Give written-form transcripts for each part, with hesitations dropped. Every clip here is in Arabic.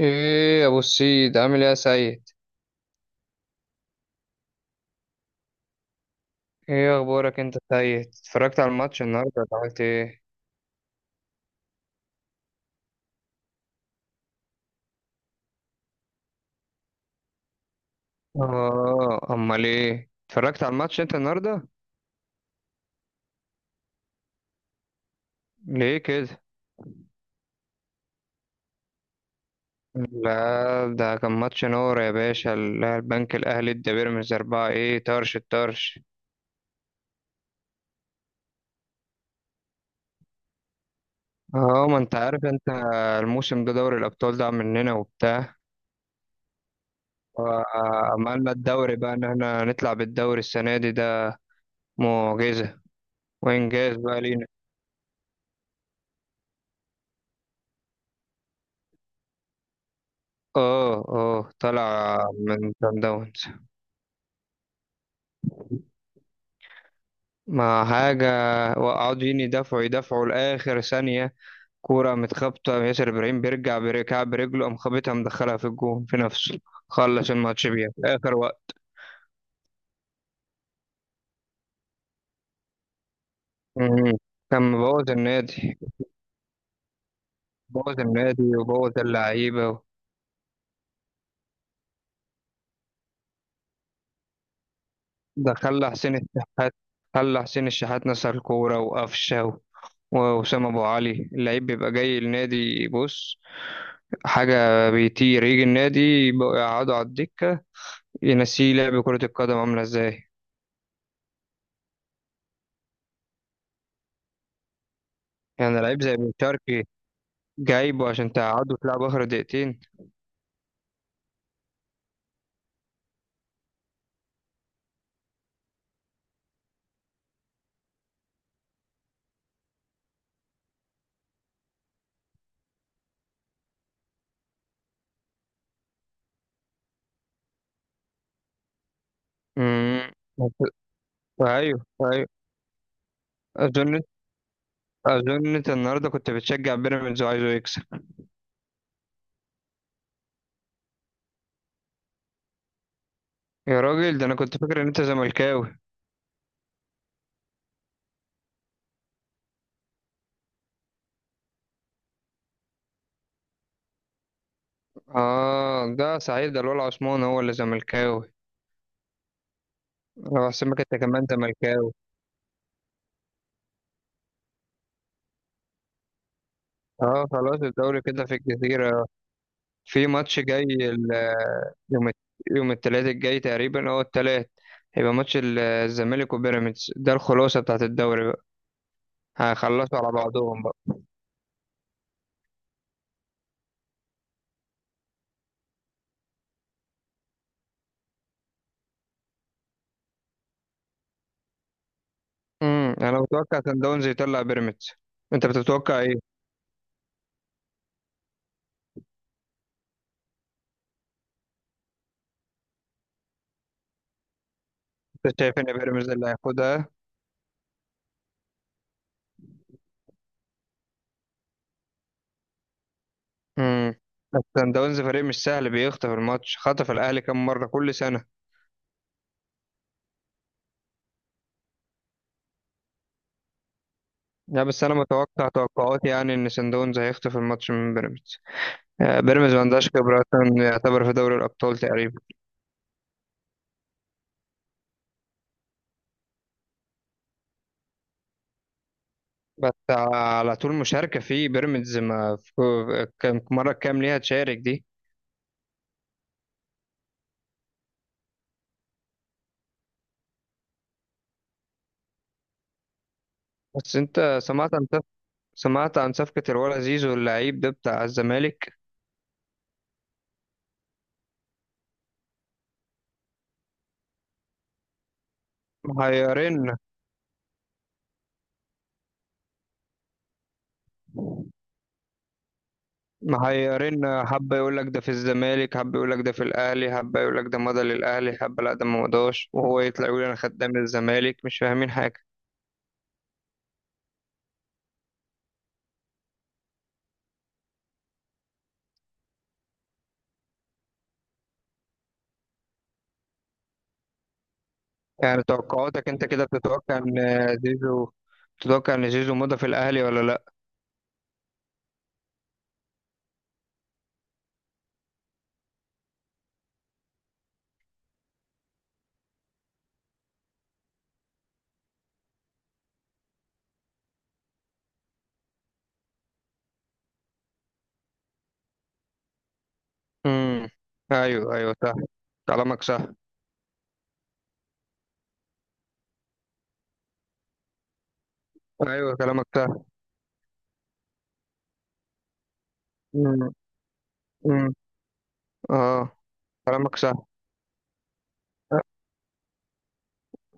ايه يا ابو السيد عامل ايه يا سيد؟ ايه اخبارك انت يا سيد؟ اتفرجت على الماتش النهارده ولا عملت ايه؟ اه، امال ايه، اتفرجت على الماتش انت النهارده؟ ليه كده؟ لا ده كان ماتش نور يا باشا، البنك الاهلي ادى بيراميدز اربعة، ايه طرش الطرش. اه ما انت عارف انت، الموسم ده دوري الابطال ده مننا وبتاع. عملنا الدوري بقى ان احنا نطلع بالدوري السنه دي، ده معجزه وانجاز بقى لينا. اه اه، طلع من سان داونز. ما حاجة. وقعدوا يدافعوا يدافعوا لآخر ثانية. كورة متخبطة، ياسر إبراهيم بيرجع بركع برجله، قام خابطها مدخلها في الجون في نفسه. خلص الماتش بيها في آخر وقت. مم. كان مبوظ النادي. بوظ النادي وبوظ اللعيبة. ده خلى حسين الشحات، خلى حسين الشحات نسى الكورة وقفشة وأسامة أبو علي، اللعيب بيبقى جاي النادي بص حاجة بيطير، يجي النادي يبقوا يقعدوا على الدكة، ينسيه لعب كرة القدم عاملة ازاي. يعني لعيب زي بن شرقي جايبه عشان تقعده في لعب آخر دقيقتين؟ امم أيوه، أيوه. أظن، أظن أنت النهاردة كنت بتشجع بيراميدز وعايزه يكسب. يا راجل، ده أنا كنت فاكر إن أنت زملكاوي. آه ده سعيد، ده الولع عثمان هو اللي زملكاوي. أنا بحسبك أنت كمان زملكاوي. آه خلاص الدوري كده في الجزيرة. في ماتش جاي، يوم الت- يوم التلات الجاي تقريبا، اه التلات، هيبقى ماتش الزمالك وبيراميدز، ده الخلاصة بتاعت الدوري بقى. هيخلصوا على بعضهم بقى. انا متوقع سان داونز يطلع بيراميدز. انت بتتوقع ايه؟ انت شايف ان بيراميدز اللي هياخدها؟ امم بس سان داونز فريق مش سهل، بيخطف الماتش، خطف الاهلي كام مرة كل سنة. لا بس انا متوقع، توقعاتي يعني ان سان داونز هيخطف الماتش من بيراميدز. بيراميدز ما عندهاش خبرة أصلاً يعتبر في دوري الابطال تقريبا. بس على طول مشاركة في بيراميدز، ما في كم مرة، كام ليها تشارك دي؟ بس انت سمعت عن سمعت عن صفقة الولا زيزو اللعيب ده بتاع الزمالك؟ محيرين، محيرين. حبة يقول لك ده في الزمالك، حبة يقول لك ده في الأهلي، حبة يقول لك ده مضى للأهلي، حبة لا ده ما مضاش، وهو يطلع يقول أنا خدام الزمالك، مش فاهمين حاجة. يعني توقعاتك أنت كده بتتوقع إن زيزو، تتوقع إن زيزو مضى في الأهلي ولا لأ؟ امم أيوه، أيوه صح، كلامك صح. ايوه كلامك سهل. مم. مم. اه، كلامك سهل.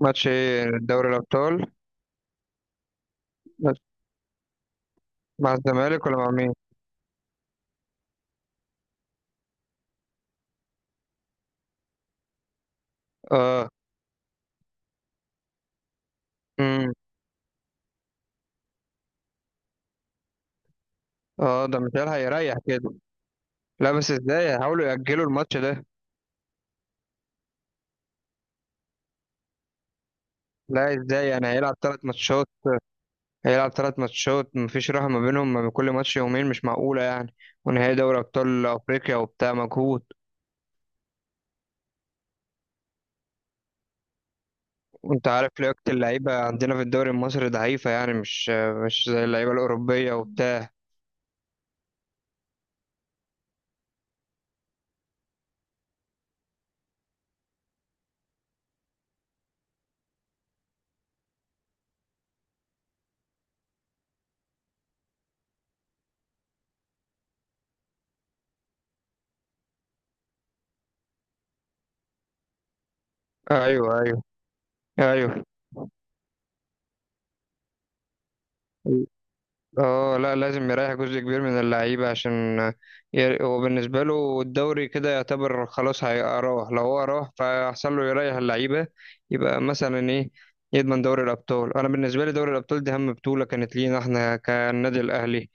ماتش ايه، دوري الابطال؟ ماتش مع الزمالك ولا مع مين؟ اه. امم اه ده مش هيريح كده. لا بس ازاي هيحاولوا يأجلوا الماتش ده؟ لا ازاي يعني هيلعب ثلاث ماتشات؟ هيلعب ثلاث ماتشات مفيش راحة ما بينهم، ما بين كل ماتش يومين، مش معقولة يعني. ونهائي دوري ابطال افريقيا وبتاع، مجهود. وانت عارف لياقة اللعيبة عندنا في الدوري المصري ضعيفة، يعني مش، مش زي اللعيبة الأوروبية وبتاع. ايوه، ايوه ايوه. اه لا لازم يريح جزء كبير من اللعيبة عشان، هو بالنسبة له الدوري كده يعتبر خلاص هيروح، لو هو راح فيحصل له يريح اللعيبة، يبقى مثلا ايه، يضمن دوري الأبطال. أنا بالنسبة لي دوري الأبطال دي أهم بطولة كانت لينا احنا كالنادي الأهلي.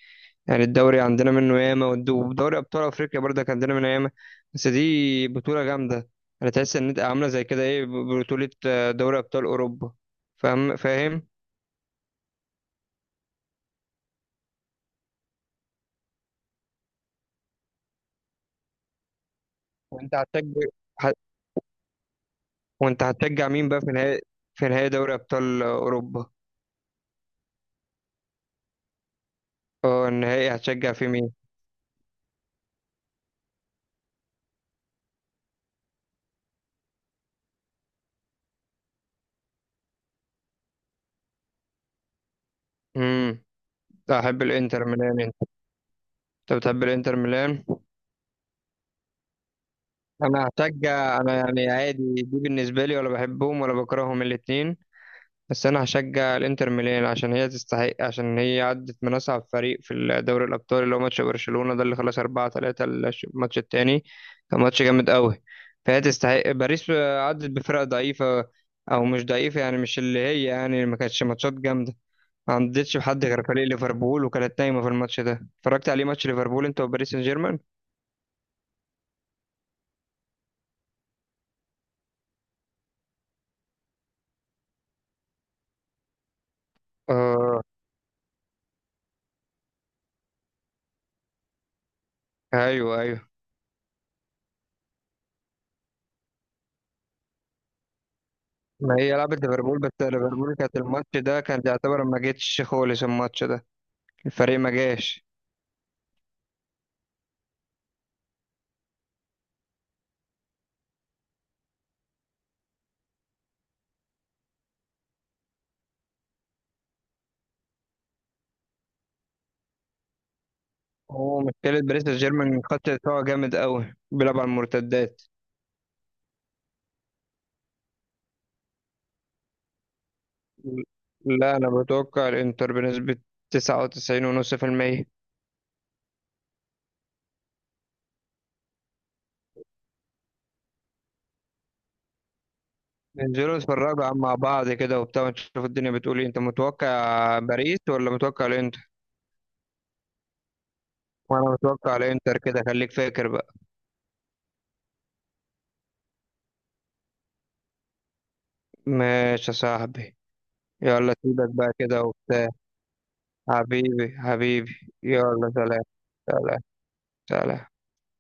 يعني الدوري عندنا منه ياما، ودوري أبطال أفريقيا برضه كان عندنا منه ياما، بس دي بطولة جامدة. أنا تحس إن إنت عاملة زي كده ايه، بطولة، دوري أبطال أوروبا. فاهم فاهم؟ وأنت هتشجع، وانت هتشجع مين بقى في نهائي، في نهائي دوري ابطال اوروبا؟ اه النهائي هتشجع في مين؟ امم احب الانتر ميلان انت، انت بتحب الانتر ميلان؟ انا هشجع، انا يعني عادي دي بالنسبه لي، ولا بحبهم ولا بكرههم الاتنين، بس انا هشجع الانتر ميلان عشان هي تستحق، عشان هي عدت من اصعب فريق في دوري الابطال اللي هو ماتش برشلونة ده اللي خلص 4-3، الماتش التاني كان ماتش جامد قوي، فهي تستحق. باريس عدت بفرق ضعيفة، او مش ضعيفة يعني، مش اللي هي يعني ما كانتش ماتشات جامدة، ما عدتش بحد غير فريق ليفربول وكانت نايمة في الماتش ده، اتفرجت عليه ماتش ليفربول انت وباريس سان جيرمان؟ اه. ايوه، ايوه. ما هي لعبت ليفربول، بس ليفربول كانت الماتش ده كان يعتبر ما جتش خالص الماتش ده، الفريق ما جاش. هو مشكلة باريس سان جيرمان خط دفاعه جامد قوي، بيلعب على المرتدات. لا أنا بتوقع الإنتر بنسبة 99.5%. ننزلوا نتفرجوا مع بعض كده وبتاع، نشوف الدنيا بتقول إيه. أنت متوقع باريس ولا متوقع الإنتر؟ وأنا متوقع الإنتر، كده خليك فاكر بقى. ماشي يا صاحبي. يلا سيبك بقى كده وبتاع، حبيبي حبيبي. يلا سلام. سلام. سلام.